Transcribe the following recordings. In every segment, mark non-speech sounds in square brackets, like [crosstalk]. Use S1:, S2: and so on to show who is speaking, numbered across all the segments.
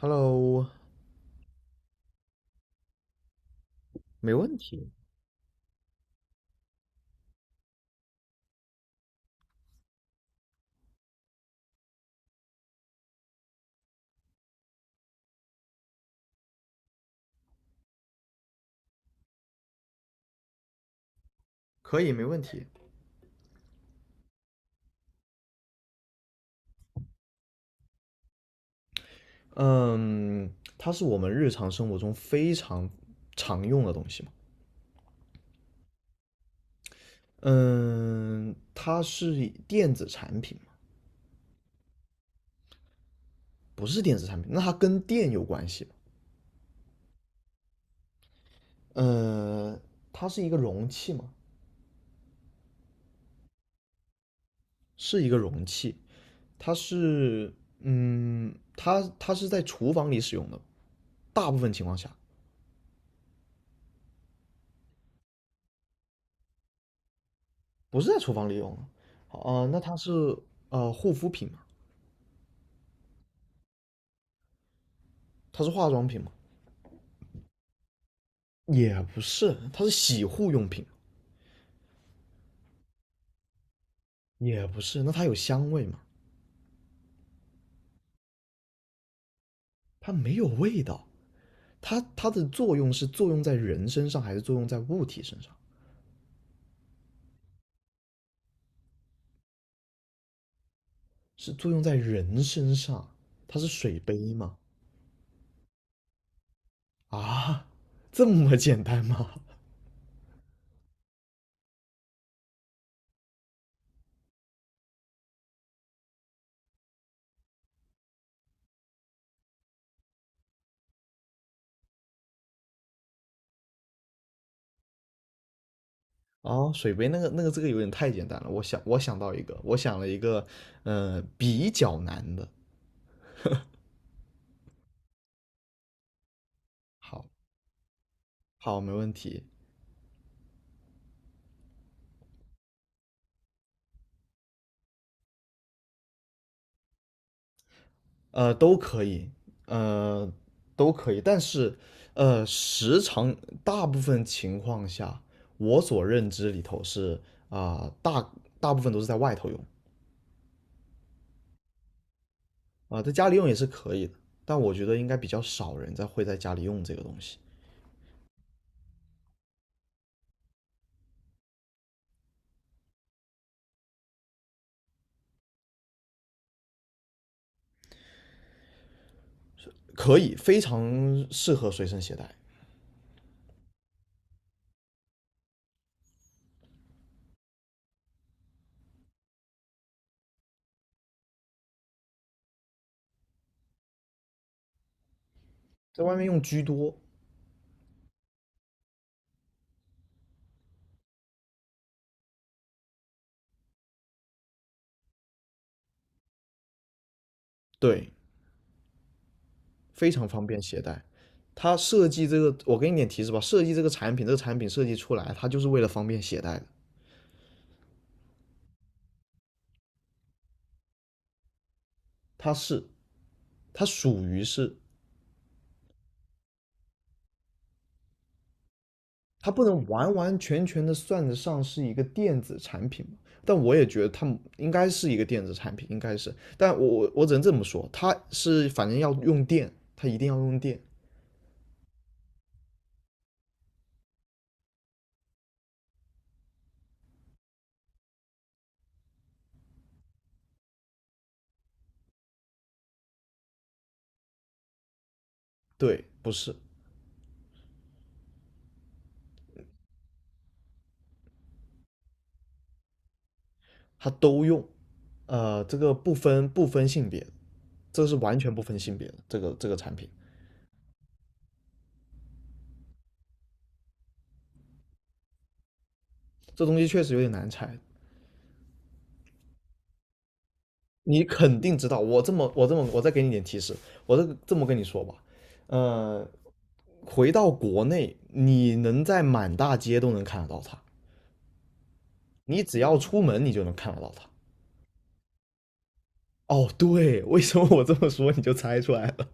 S1: Hello。没问题。可以，没问题。嗯，它是我们日常生活中非常常用的东西嘛。嗯，它是电子产品嘛？不是电子产品，那它跟电有关系吗？呃，它是一个容器吗？是一个容器。它是，它是在厨房里使用的，大部分情况下不是在厨房里用的。好，那它是护肤品吗？它是化妆品吗？也不是，它是洗护用品，也不是。那它有香味吗？它没有味道。它的作用是作用在人身上，还是作用在物体身上？是作用在人身上。它是水杯吗？啊，这么简单吗？啊，水杯这个有点太简单了。我想到一个，我想了一个，比较难的。好，好，没问题。都可以，呃，都可以，但是，时常大部分情况下，我所认知里头是啊、大部分都是在外头用啊、在家里用也是可以的，但我觉得应该比较少人在会在家里用这个东西，可以，非常适合随身携带，在外面用居多，对，非常方便携带。它设计这个，我给你点提示吧，设计这个产品，这个产品设计出来，它就是为了方便携带的，它是。它属于是，它不能完完全全的算得上是一个电子产品，但我也觉得它应该是一个电子产品，应该是。但我只能这么说，它是反正要用电，它一定要用电，对，不是，它都用，这个不分性别，这是完全不分性别的这个产品，这东西确实有点难猜。你肯定知道，我这么我这么我再给你点提示，我这么跟你说吧，呃，回到国内，你能在满大街都能看得到它，你只要出门你就能看得到它。哦，对，为什么我这么说你就猜出来了？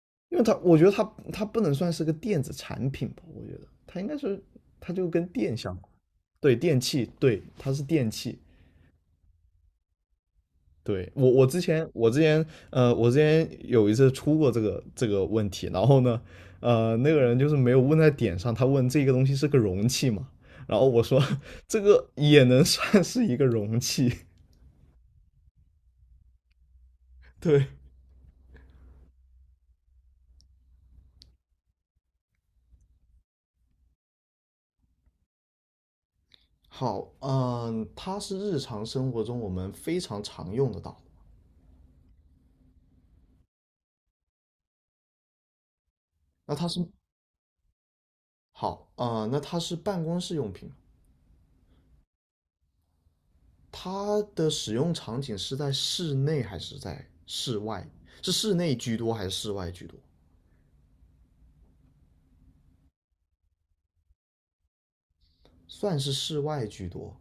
S1: [laughs] 因为它，我觉得它不能算是个电子产品吧，我觉得它应该是它就跟电相关，对，电器，对，它是电器，对，我之前有一次出过这个问题，然后呢，那个人就是没有问在点上，他问这个东西是个容器嘛，然后我说 [laughs] 这个也能算是一个容器，[laughs] 对，好，嗯，它是日常生活中我们非常常用得到的。那它是好，啊，那它是办公室用品，它的使用场景是在室内还是在室外？是室内居多还是室外居多？算是室外居多。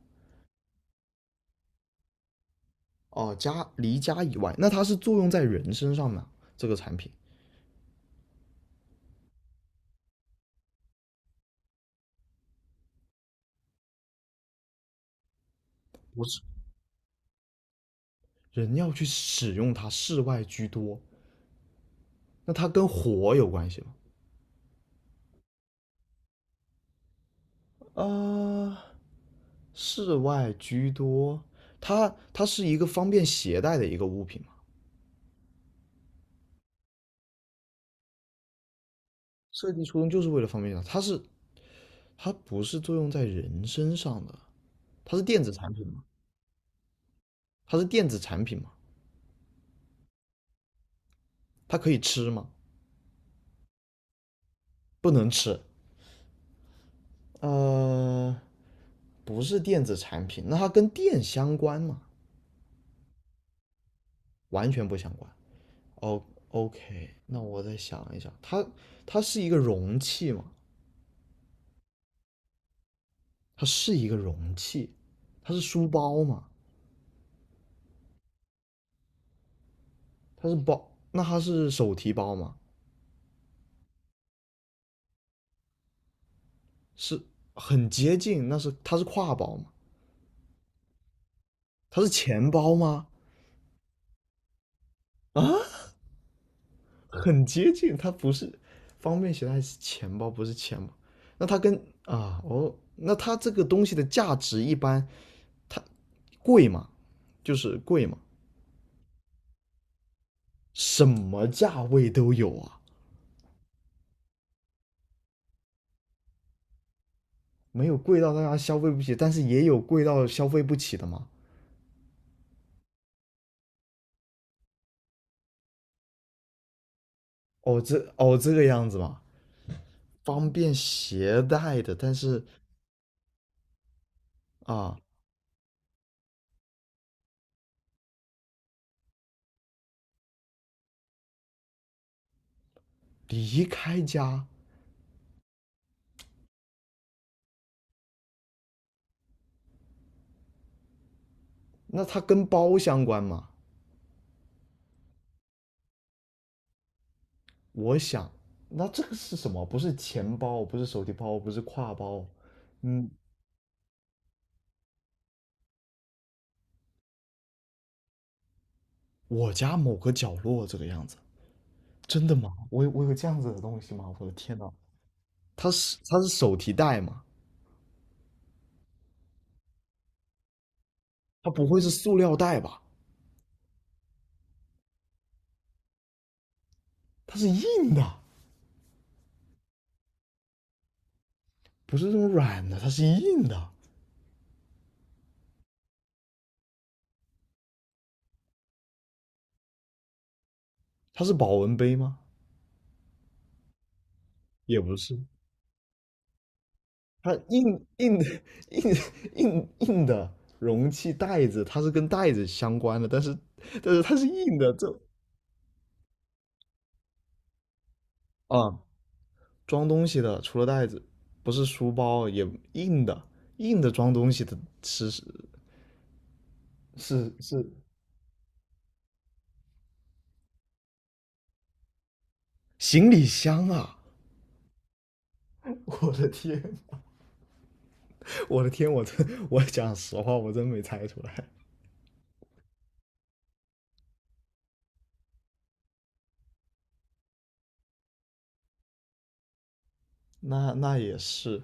S1: 哦，离家以外，那它是作用在人身上呢？这个产品不是，人要去使用它，室外居多，那它跟火有关系吗？啊，室外居多，它它是一个方便携带的一个物品嘛，设计初衷就是为了方便它，它不是作用在人身上的，它是电子产品吗？它是电子产品吗？它可以吃吗？不能吃。呃，不是电子产品，那它跟电相关吗？完全不相关。哦 OK，那我再想一想，它是一个容器吗？它是一个容器，它是书包吗？它是包，那它是手提包吗？是很接近，它是挎包吗？它是钱包吗？啊，很接近，它不是方便携带是钱包，不是钱包。那它跟啊，哦，那它这个东西的价值一般，它贵嘛，就是贵嘛，什么价位都有啊，没有贵到大家消费不起，但是也有贵到消费不起的嘛。哦，这个样子嘛，方便携带的，但是啊、离开家，那它跟包相关嘛？我想，那这个是什么？不是钱包，不是手提包，不是挎包，嗯，我家某个角落这个样子，真的吗？我有这样子的东西吗？我的天呐，它是手提袋吗？它不会是塑料袋吧？它是硬的，不是那种软的，它是硬的。它是保温杯吗？也不是，它硬硬的硬硬硬的容器袋子，它是跟袋子相关的，但是它是硬的，这啊装东西的除了袋子，不是书包也硬的，硬的装东西的是行李箱啊！[laughs] 我的天，我的天，我讲实话，我真没猜出来。那也是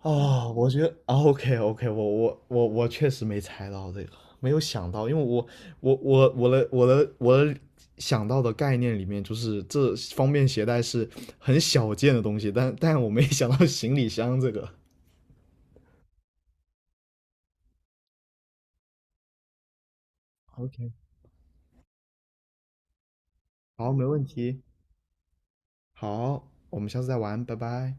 S1: 啊、我觉得啊，OK OK,我确实没猜到这个，没有想到，因为我的想到的概念里面，就是这方便携带是很小件的东西，但我没想到行李箱这个。OK，好，没问题。好，我们下次再玩，拜拜。